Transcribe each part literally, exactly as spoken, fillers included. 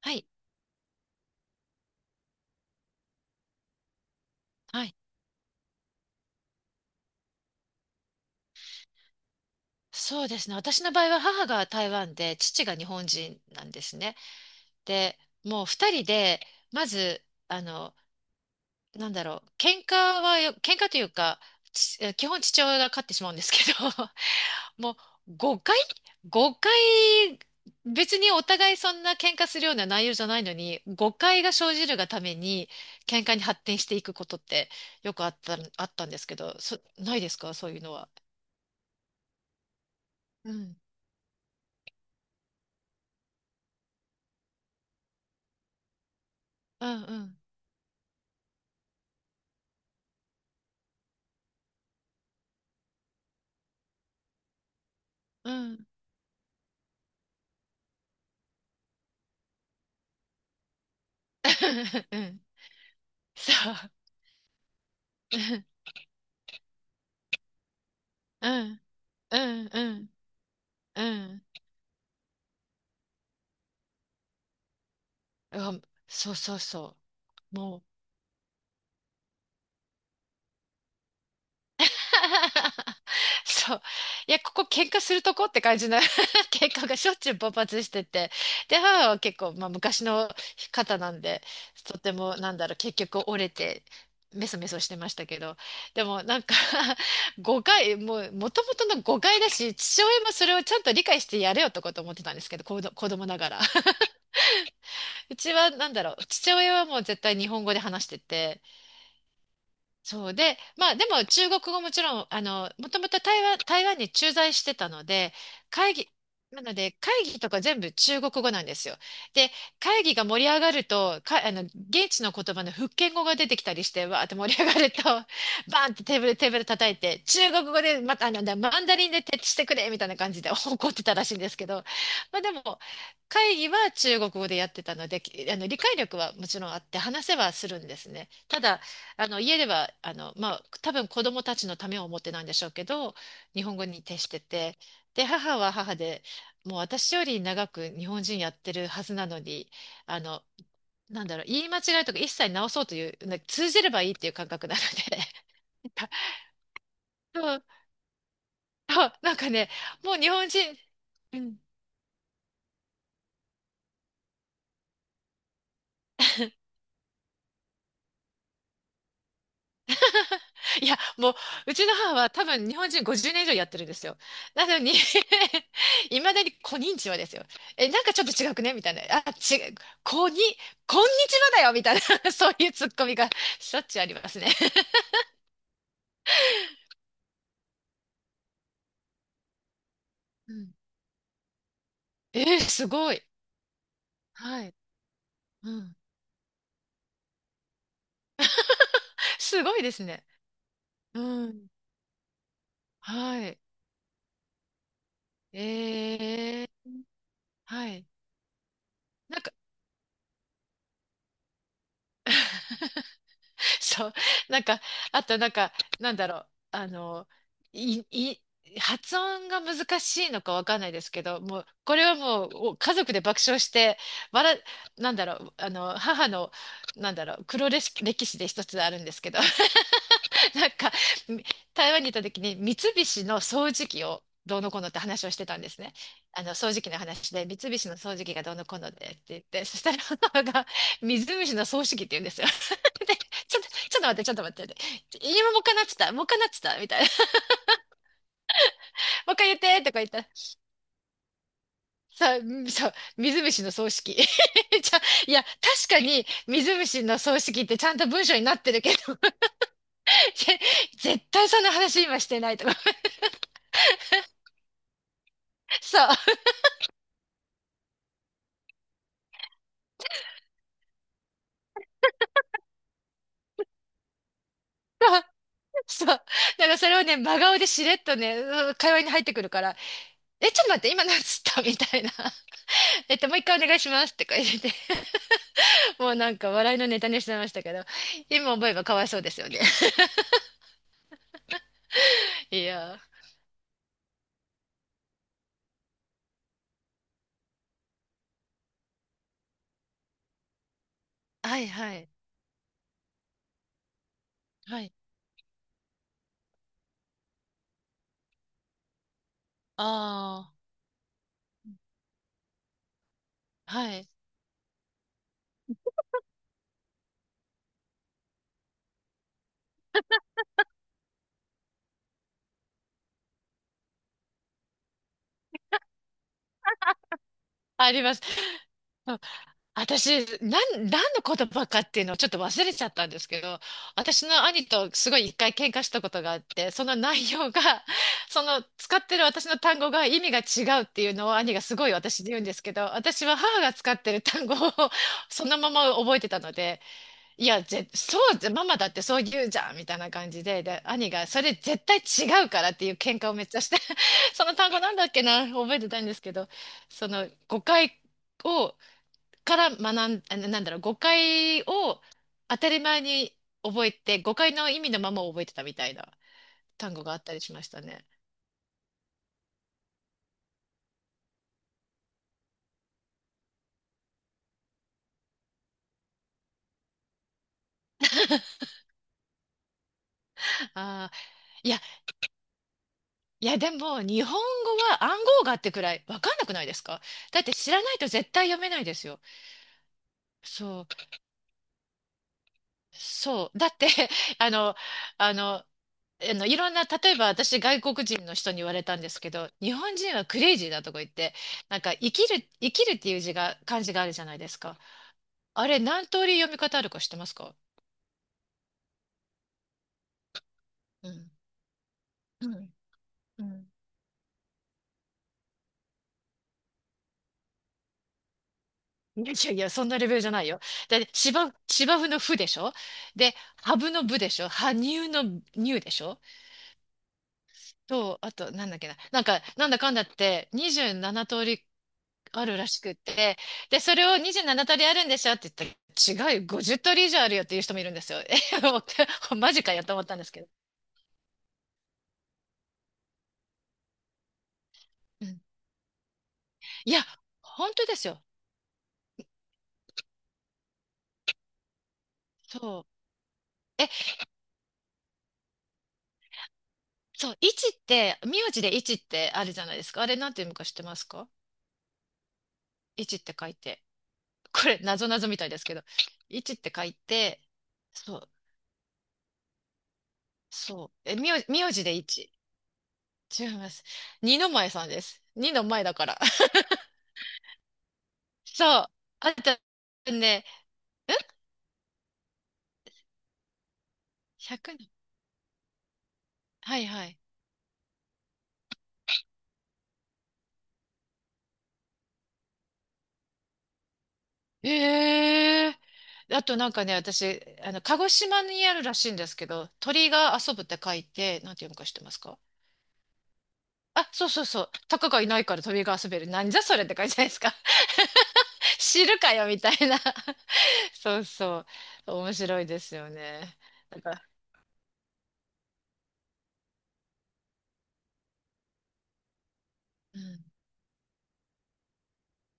はい。はい。そうですね。私の場合は母が台湾で、父が日本人なんですね。で、もう二人で、まず、あの、なんだろう、喧嘩はよ、喧嘩というか、ちえ基本父親が勝ってしまうんですけど、もう誤解誤解別にお互いそんな喧嘩するような内容じゃないのに、誤解が生じるがために、喧嘩に発展していくことってよくあった、あったんですけど、そ、ないですかそういうのは？うん。うんうんうん。うん。そう。うん。うん。うん。うん。うんうん、そうそうそう。もう そう。いや、ここ喧嘩するとこって感じの 喧嘩がしょっちゅう勃発してて。で、母は結構、まあ、昔の方なんで、とても、なんだろう、結局折れて、メソメソしてましたけど。でも、なんか 誤解、もう、もともとの誤解だし、父親もそれをちゃんと理解してやれよとかと思ってたんですけど、子ど子供ながら。うちはなんだろう、父親はもう絶対日本語で話してて、そうで、まあでも中国語もちろん、あの、もともと台湾、台湾に駐在してたので、会議、なので会議とか全部中国語なんですよ。で、会議が盛り上がると、か、あの、現地の言葉の福建語が出てきたりして、わーって盛り上がると、バーンってテーブル、テーブル叩いて、中国語で、また、あの、マンダリンで徹底してくれみたいな感じで 怒ってたらしいんですけど、まあでも、会議は中国語でやってたので、きあの、理解力はもちろんあって、話せはするんですね。ただ、あの家ではあの、まあ、多分子供たちのためを思ってなんでしょうけど、日本語に徹してて、で、母は母で、もう私より長く日本人やってるはずなのに、あのなんだろう言い間違いとか一切直そうというな通じればいいっていう感覚なので、 そうそう、なんかね、もう日本人うん、いや、もう、うちの母は多分日本人ごじゅうねん以上やってるんですよ。なのに いまだにこんにちはですよ。え、なんかちょっと違くねみたいな。あ、違う。こに、こんにちはだよみたいな そういうツッコミがしょっちゅうありますね。うん、えーすごい。はい。うん。すごいですね。うん。はい。えー、はい。なんか そう。なんか、あとなんか、なんだろう。あの、い、い、発音が難しいのかわかんないですけど、もう、これはもう、お家族で爆笑して、笑、なんだろう、あの、母の、なんだろう、黒歴史歴史で一つあるんですけど、なんか、台湾に行った時に三菱の掃除機をどうのこうのって話をしてたんですね。あの、掃除機の話で、三菱の掃除機がどうのこうのでって言って、そしたら母が、水虫の掃除機って言うんですよ。で、ちょっと、ちょっと待って、ちょっと待って、今もう一回なってた、もう一回なってた、みたいな。もう一回言って、とか言ったら、さううんそう、水虫の葬式。じゃいや、確かに水虫の葬式ってちゃんと文章になってるけど、ぜ絶対そんな話今してないとか。そう。そう。だからそれをね、真顔でしれっとね、うん、会話に入ってくるから、え、ちょっと待って、今何つったみたいな。えっと、もう一回お願いしますとか入れて、もうなんか笑いのネタにしてましたけど、今思えばかわいそうですよね。いやー。はいはい。はい。ああ、はい。あります。私、なん、何の言葉かっていうのをちょっと忘れちゃったんですけど、私の兄とすごい一回喧嘩したことがあって、その内容が、その使ってる私の単語が意味が違うっていうのを兄がすごい私に言うんですけど、私は母が使ってる単語を そのまま覚えてたので、いや、ぜ、そうじゃ、ママだってそう言うじゃんみたいな感じで、で、兄がそれ絶対違うからっていう喧嘩をめっちゃして、その単語なんだっけな、覚えてたんですけど、その誤解を、から学ん、あなんだろう、誤解を当たり前に覚えて、誤解の意味のままを覚えてたみたいな単語があったりしましたね。ああ、いや、いや、でも、日本語は暗号があってくらいわかんなくないですか？だって知らないと絶対読めないですよ。そう、そう。だって、あの、あの、あの、いろんな、例えば私、外国人の人に言われたんですけど、日本人はクレイジーだとか言って、なんか、生きる、生きるっていう字が、漢字があるじゃないですか。あれ、何通り読み方あるか知ってますか？うん。うん。うん。いやいやいや、そんなレベルじゃないよ。だって、芝、芝生のふでしょ？で、ハブのぶでしょ？羽生の乳でしょ？と、あと、なんだっけな。なんか、なんだかんだって、にじゅうなな通りあるらしくって、で、それをにじゅうなな通りあるんでしょって言ったら、違うよ、ごじゅう通り以上あるよっていう人もいるんですよ。え、マジかよと思ったんですけど。うん、いや、本当ですよ。そう。そう、一って、名字で一ってあるじゃないですか。あれなんて読むか知ってますか？一って書いて。これ、なぞなぞみたいですけど。一って書いて、そう、そう。え、名、名字で一。違います。二の前さんです。二の前だから。そう。あとね、ひゃくの、はいはい。ええ、あとなんかね、私、あの、鹿児島にあるらしいんですけど、鳥が遊ぶって書いて、なんて読むか知ってますか？あ、そうそうそう。タカがいないから鳥が遊べる。なんじゃそれって感じじゃないですか。知るかよみたいな。そうそう。面白いですよね。なんか、うん。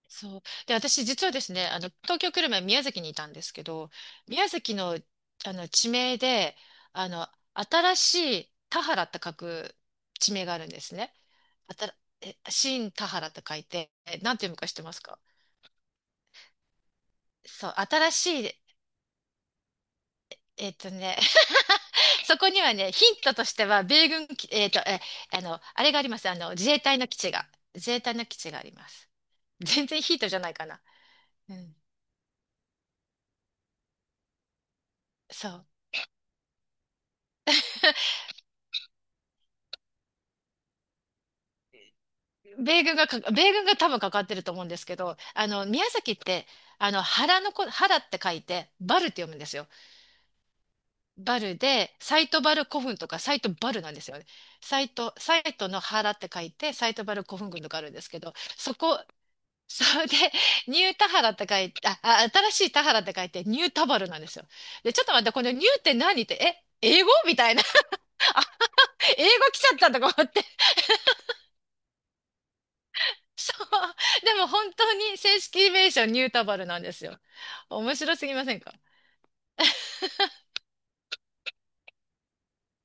そう。で、私実はですね、あの、東京来る前宮崎にいたんですけど、宮崎の、あの、地名で、あの、新しい田原って書く地名があるんですね。あたら、え、新田原って書いて、えなんて読むか知ってますか？そう、新しい、えっとね、そこにはね、ヒントとしては、米軍基、えっと、え、あの、あれがあります。あの、自衛隊の基地が、自衛隊の基地があります。全然ヒントじゃないかな。うん。そう。米軍がか、米軍が多分かかってると思うんですけど、あの、宮崎って、あの、原のこ、原って書いて、バルって読むんですよ。バルで、サイトバル古墳とか、サイトバルなんですよね。サイト、サイトの原って書いて、サイトバル古墳群とかあるんですけど、そこ、それで、ニュータハラって書いて、あ、あ新しいタハラって書いて、ニュータバルなんですよ。で、ちょっと待って、このニューって何って、え、英語みたいな。あ、英語来ちゃったとか思って。そう。でも本当に正式名称ニュータバルなんですよ。面白すぎませんか？